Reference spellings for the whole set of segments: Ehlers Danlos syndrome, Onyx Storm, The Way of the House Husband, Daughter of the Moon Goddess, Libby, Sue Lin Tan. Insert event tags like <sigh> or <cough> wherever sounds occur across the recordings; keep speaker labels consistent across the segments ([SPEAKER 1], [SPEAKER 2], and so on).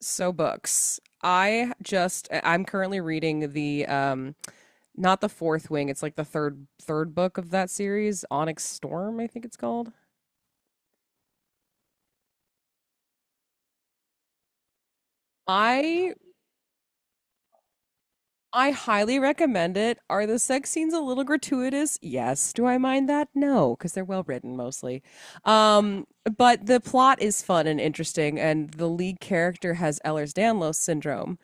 [SPEAKER 1] So books. I'm currently reading the not the Fourth Wing, it's like the third book of that series, Onyx Storm, I think it's called. I I highly recommend it. Are the sex scenes a little gratuitous? Yes. Do I mind that? No, because they're well written mostly. Um, but the plot is fun and interesting, and the lead character has Ehlers Danlos syndrome,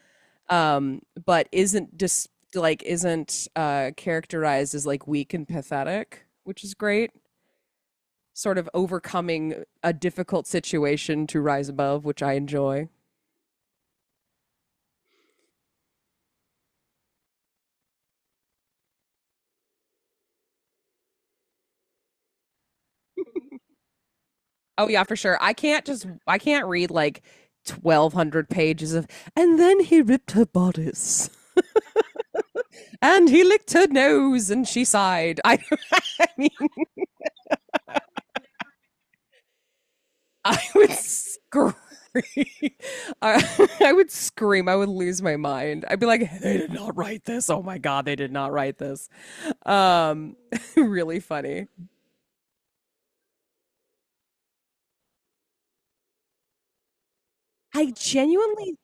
[SPEAKER 1] but isn't characterized as like weak and pathetic, which is great. Sort of overcoming a difficult situation to rise above, which I enjoy. Oh yeah, for sure. I can't read like 1,200 pages of and then he ripped her bodice and he licked her nose and she sighed. <laughs> I mean I would scream. <laughs> I would scream. I would lose my mind. I'd be like, they did not write this. Oh my God, they did not write this. Um, <laughs> really funny. I genuinely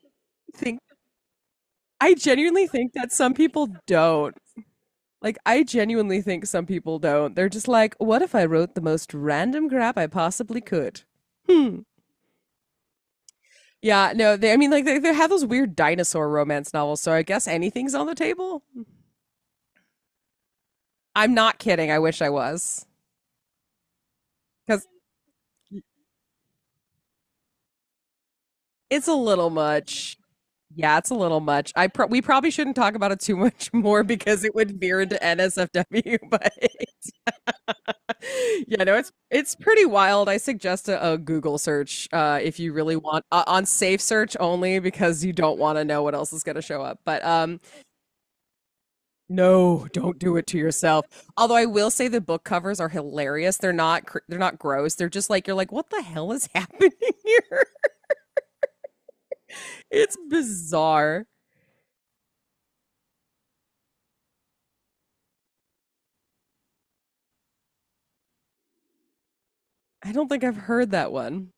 [SPEAKER 1] think, I genuinely think that some people don't. Like, I genuinely think some people don't. They're just like, what if I wrote the most random crap I possibly could? Hmm. Yeah, no, they, I mean, like, they have those weird dinosaur romance novels, so I guess anything's on the table. I'm not kidding. I wish I was because it's a little much. Yeah, it's a little much. We probably shouldn't talk about it too much <laughs> more because it would veer into NSFW. But <laughs> yeah, no, it's pretty wild. I suggest a Google search, if you really want, on safe search only because you don't want to know what else is going to show up. But no, don't do it to yourself. Although I will say the book covers are hilarious. They're not gross. They're just like you're like, what the hell is happening here? <laughs> It's bizarre. I don't think I've heard that one.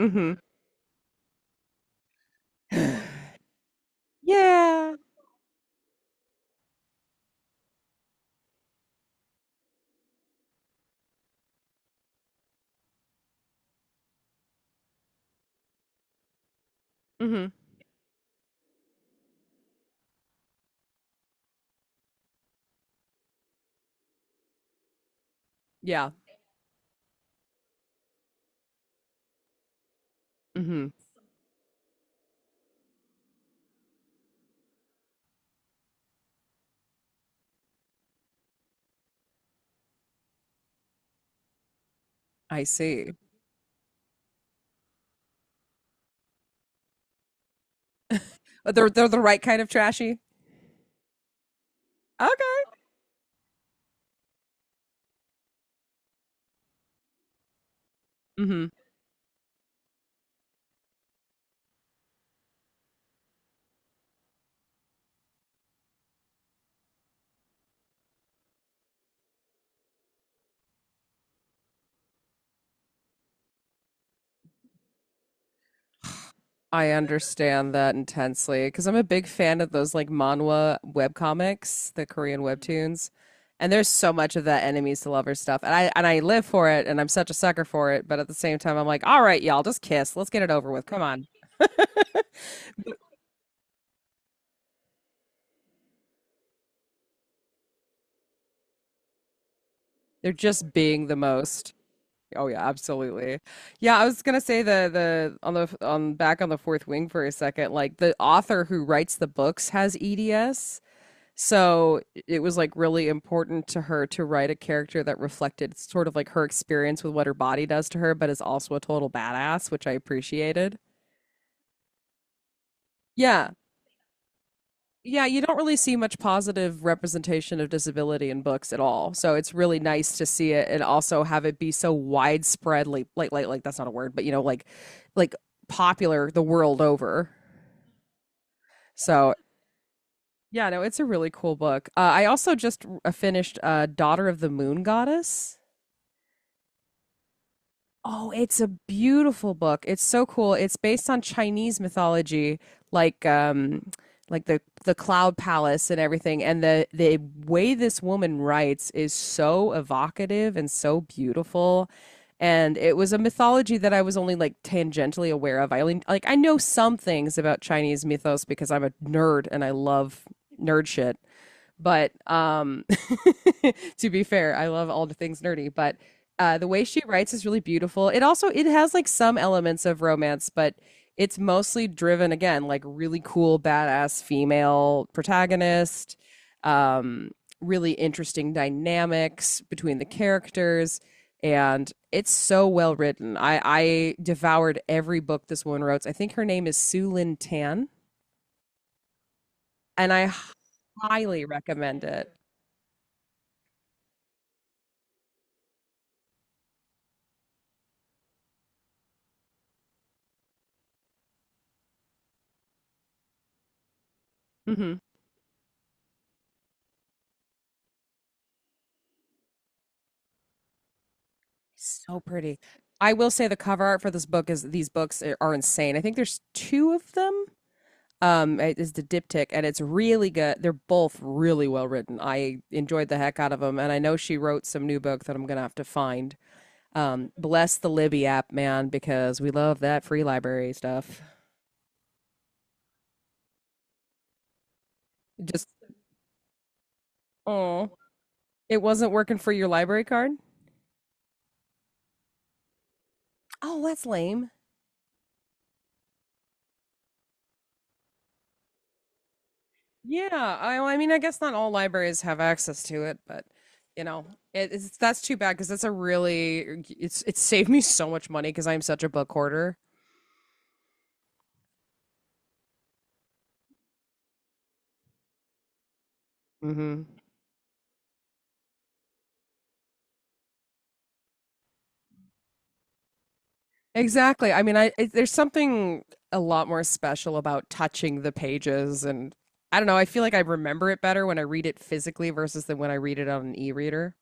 [SPEAKER 1] Mm-hmm. <sighs> yeah. Yeah. Mm-hmm. Yeah. Mm-hmm. I see. They're the right kind of trashy. Okay. Mm-hmm. I understand that intensely because I'm a big fan of those like manhwa webcomics, the Korean webtoons. And there's so much of that enemies to lovers stuff. And I live for it and I'm such a sucker for it, but at the same time I'm like, all right, y'all, just kiss. Let's get it over with. Come on. They're just being the most. Oh yeah, absolutely. Yeah, I was gonna say the on back on the Fourth Wing for a second, like the author who writes the books has EDS, so it was like really important to her to write a character that reflected sort of like her experience with what her body does to her, but is also a total badass, which I appreciated. Yeah, Yeah, you don't really see much positive representation of disability in books at all. So it's really nice to see it and also have it be so widespread like like that's not a word, but you know, like like popular the world over. So yeah, no, it's a really cool book. I also just finished Daughter of the Moon Goddess. Oh, it's a beautiful book. It's so cool. It's based on Chinese mythology, like like the the cloud palace and everything. And the way this woman writes is so evocative and so beautiful. And it was a mythology that I was only like tangentially aware of. I only like I know some things about Chinese mythos because I'm a nerd and I love nerd shit. But <laughs> to be fair, I love all the things nerdy. But the way she writes is really beautiful. It has like some elements of romance, but it's mostly driven again like really cool, badass female protagonist. Um, really interesting dynamics between the characters and it's so well written. I devoured every book this woman wrote. I think her name is Sue Lin Tan, and I highly recommend it. Hmm. So pretty. I will say the cover art for this book is are insane. I think there's two of them. It is the diptych, and it's really good. They're both really well written. I enjoyed the heck out of them, and I know she wrote some new book that I'm gonna have to find. Bless the Libby app, man, because we love that free library stuff. Just Oh, it wasn't working for your library card. Oh, that's lame. Yeah, well, I mean, I guess not all libraries have access to it, but you know, it, it's that's too bad because that's a really it saved me so much money because I'm such a book hoarder. Hmm. Exactly. I mean, there's something a lot more special about touching the pages, and I don't know. I feel like I remember it better when I read it physically versus than when I read it on an e-reader.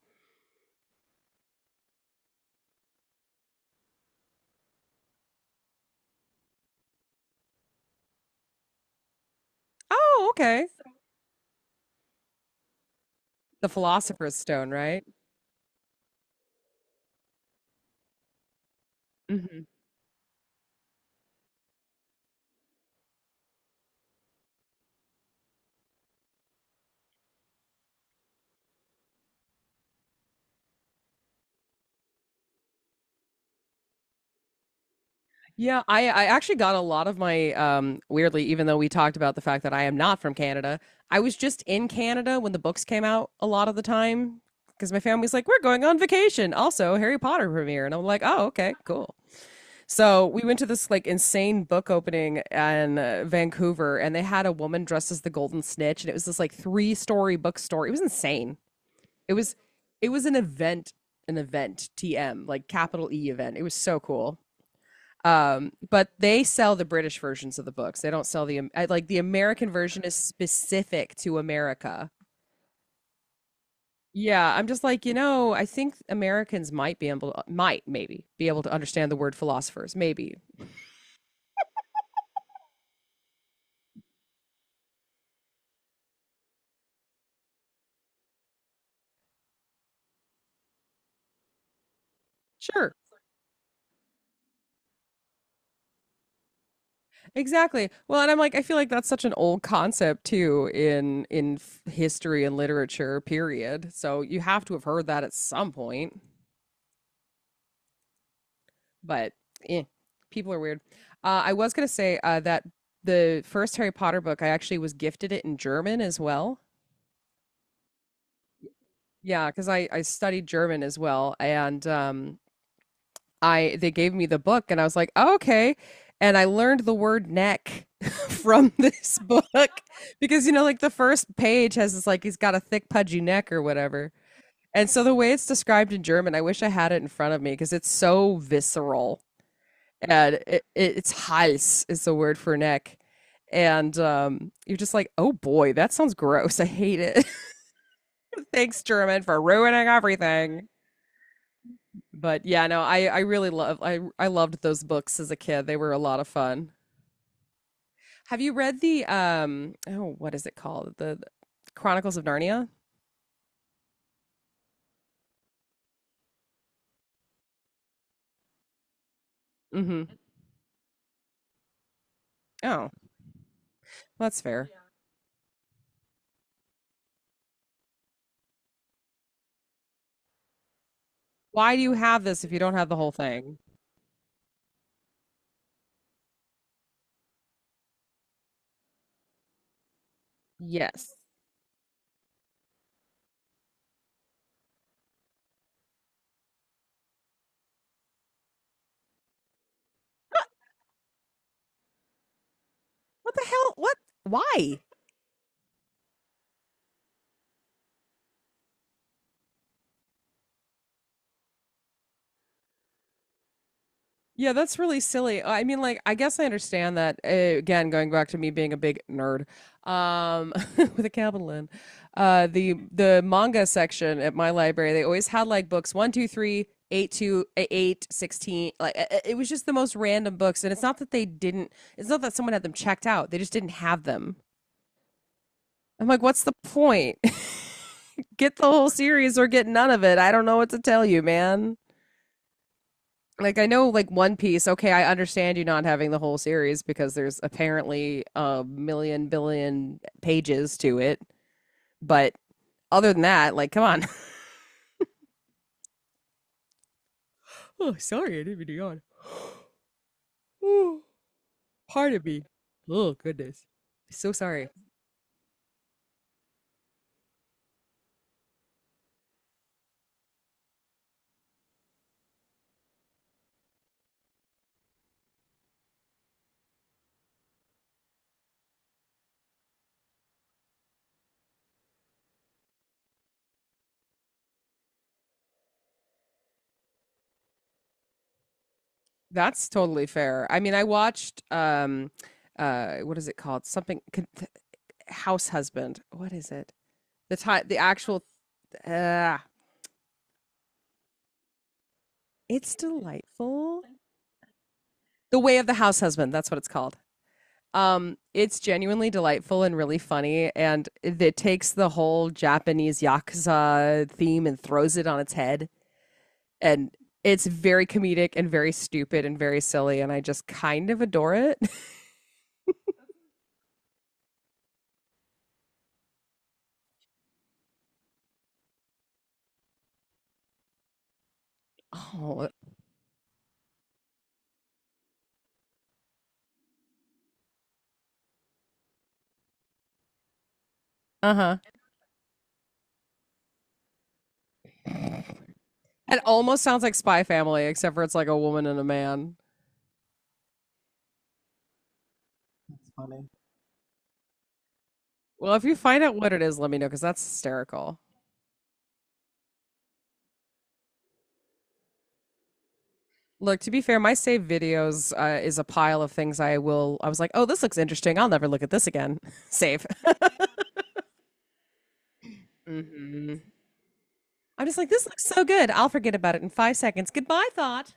[SPEAKER 1] Oh, okay. The Philosopher's Stone, right? Yeah, I actually got a lot of my weirdly even though we talked about the fact that I am not from Canada, I was just in Canada when the books came out a lot of the time because my family's like we're going on vacation. Also, Harry Potter premiere and I'm like, "Oh, okay, cool." So, we went to this like insane book opening in Vancouver and they had a woman dressed as the Golden Snitch and it was this like three-story bookstore. It was insane. It was it was an event, TM, like capital E event. It was so cool. But they sell the British versions of the books. They don't sell the Like the American version is specific to America. Yeah, I'm just like, you know, I think Americans might be able might maybe be able to understand the word philosophers, maybe. Sure. Exactly. Well, and I'm like I feel like that's such an old concept too in history and literature period. So you have to have heard that at some point. But eh, people are weird. I was gonna say that the first Harry Potter book, I actually was gifted it in German as well. Yeah, because I studied German as well, and I they gave me the book, and I was like, oh, okay, and I learned the word neck <laughs> from this book <laughs> because you know, like the first page has this like he's got a thick pudgy neck or whatever. And so the way it's described in German, I wish I had it in front of me because it's so visceral. And it, it's hals is the word for neck. And you're just like, oh boy, that sounds gross. I hate it. <laughs> Thanks, German, for ruining everything. But yeah, no, I really love I loved those books as a kid. They were a lot of fun. Have you read the um oh what is it called? The Chronicles of Narnia? Mm-hmm. Oh, well, that's fair. Why do you have this if you don't have the whole thing? Yes. What the hell? What? Why? Yeah, that's really silly. I mean, like, I guess I understand that. Again, going back to me being a big nerd, <laughs> with a capital N, the manga section at my library, they always had like books one, two, three, eight, eight, 16. Like, it was just the most random books, and it's not that they didn't. It's not that someone had them checked out. They just didn't have them. I'm like, what's the point? <laughs> Get the whole series or get none of it. I don't know what to tell you, man, like I know like One Piece, okay, I understand you not having the whole series because there's apparently a million billion pages to it. But other than that, like come on. <laughs> Oh, sorry, I didn't mean to yawn. Ooh, pardon me. Oh goodness. So sorry. That's totally fair. I mean, I watched what is it called? House Husband. What is it? The time the actual uh it's delightful. The Way of the House Husband, that's what it's called. It's genuinely delightful and really funny, and it takes the whole Japanese yakuza theme and throws it on its head. And it's very comedic and very stupid and very silly, and I just kind of adore it. <laughs> Oh, uh-huh. It almost sounds like Spy Family, except for it's like a woman and a man. That's funny. Well, if you find out what it is, let me know because that's hysterical. Look, to be fair, my saved videos, is a pile of things I will. I was like, oh, this looks interesting. I'll never look at this again. <laughs> Save. I'm just like, this looks so good. I'll forget about it in 5 seconds. Goodbye, thought.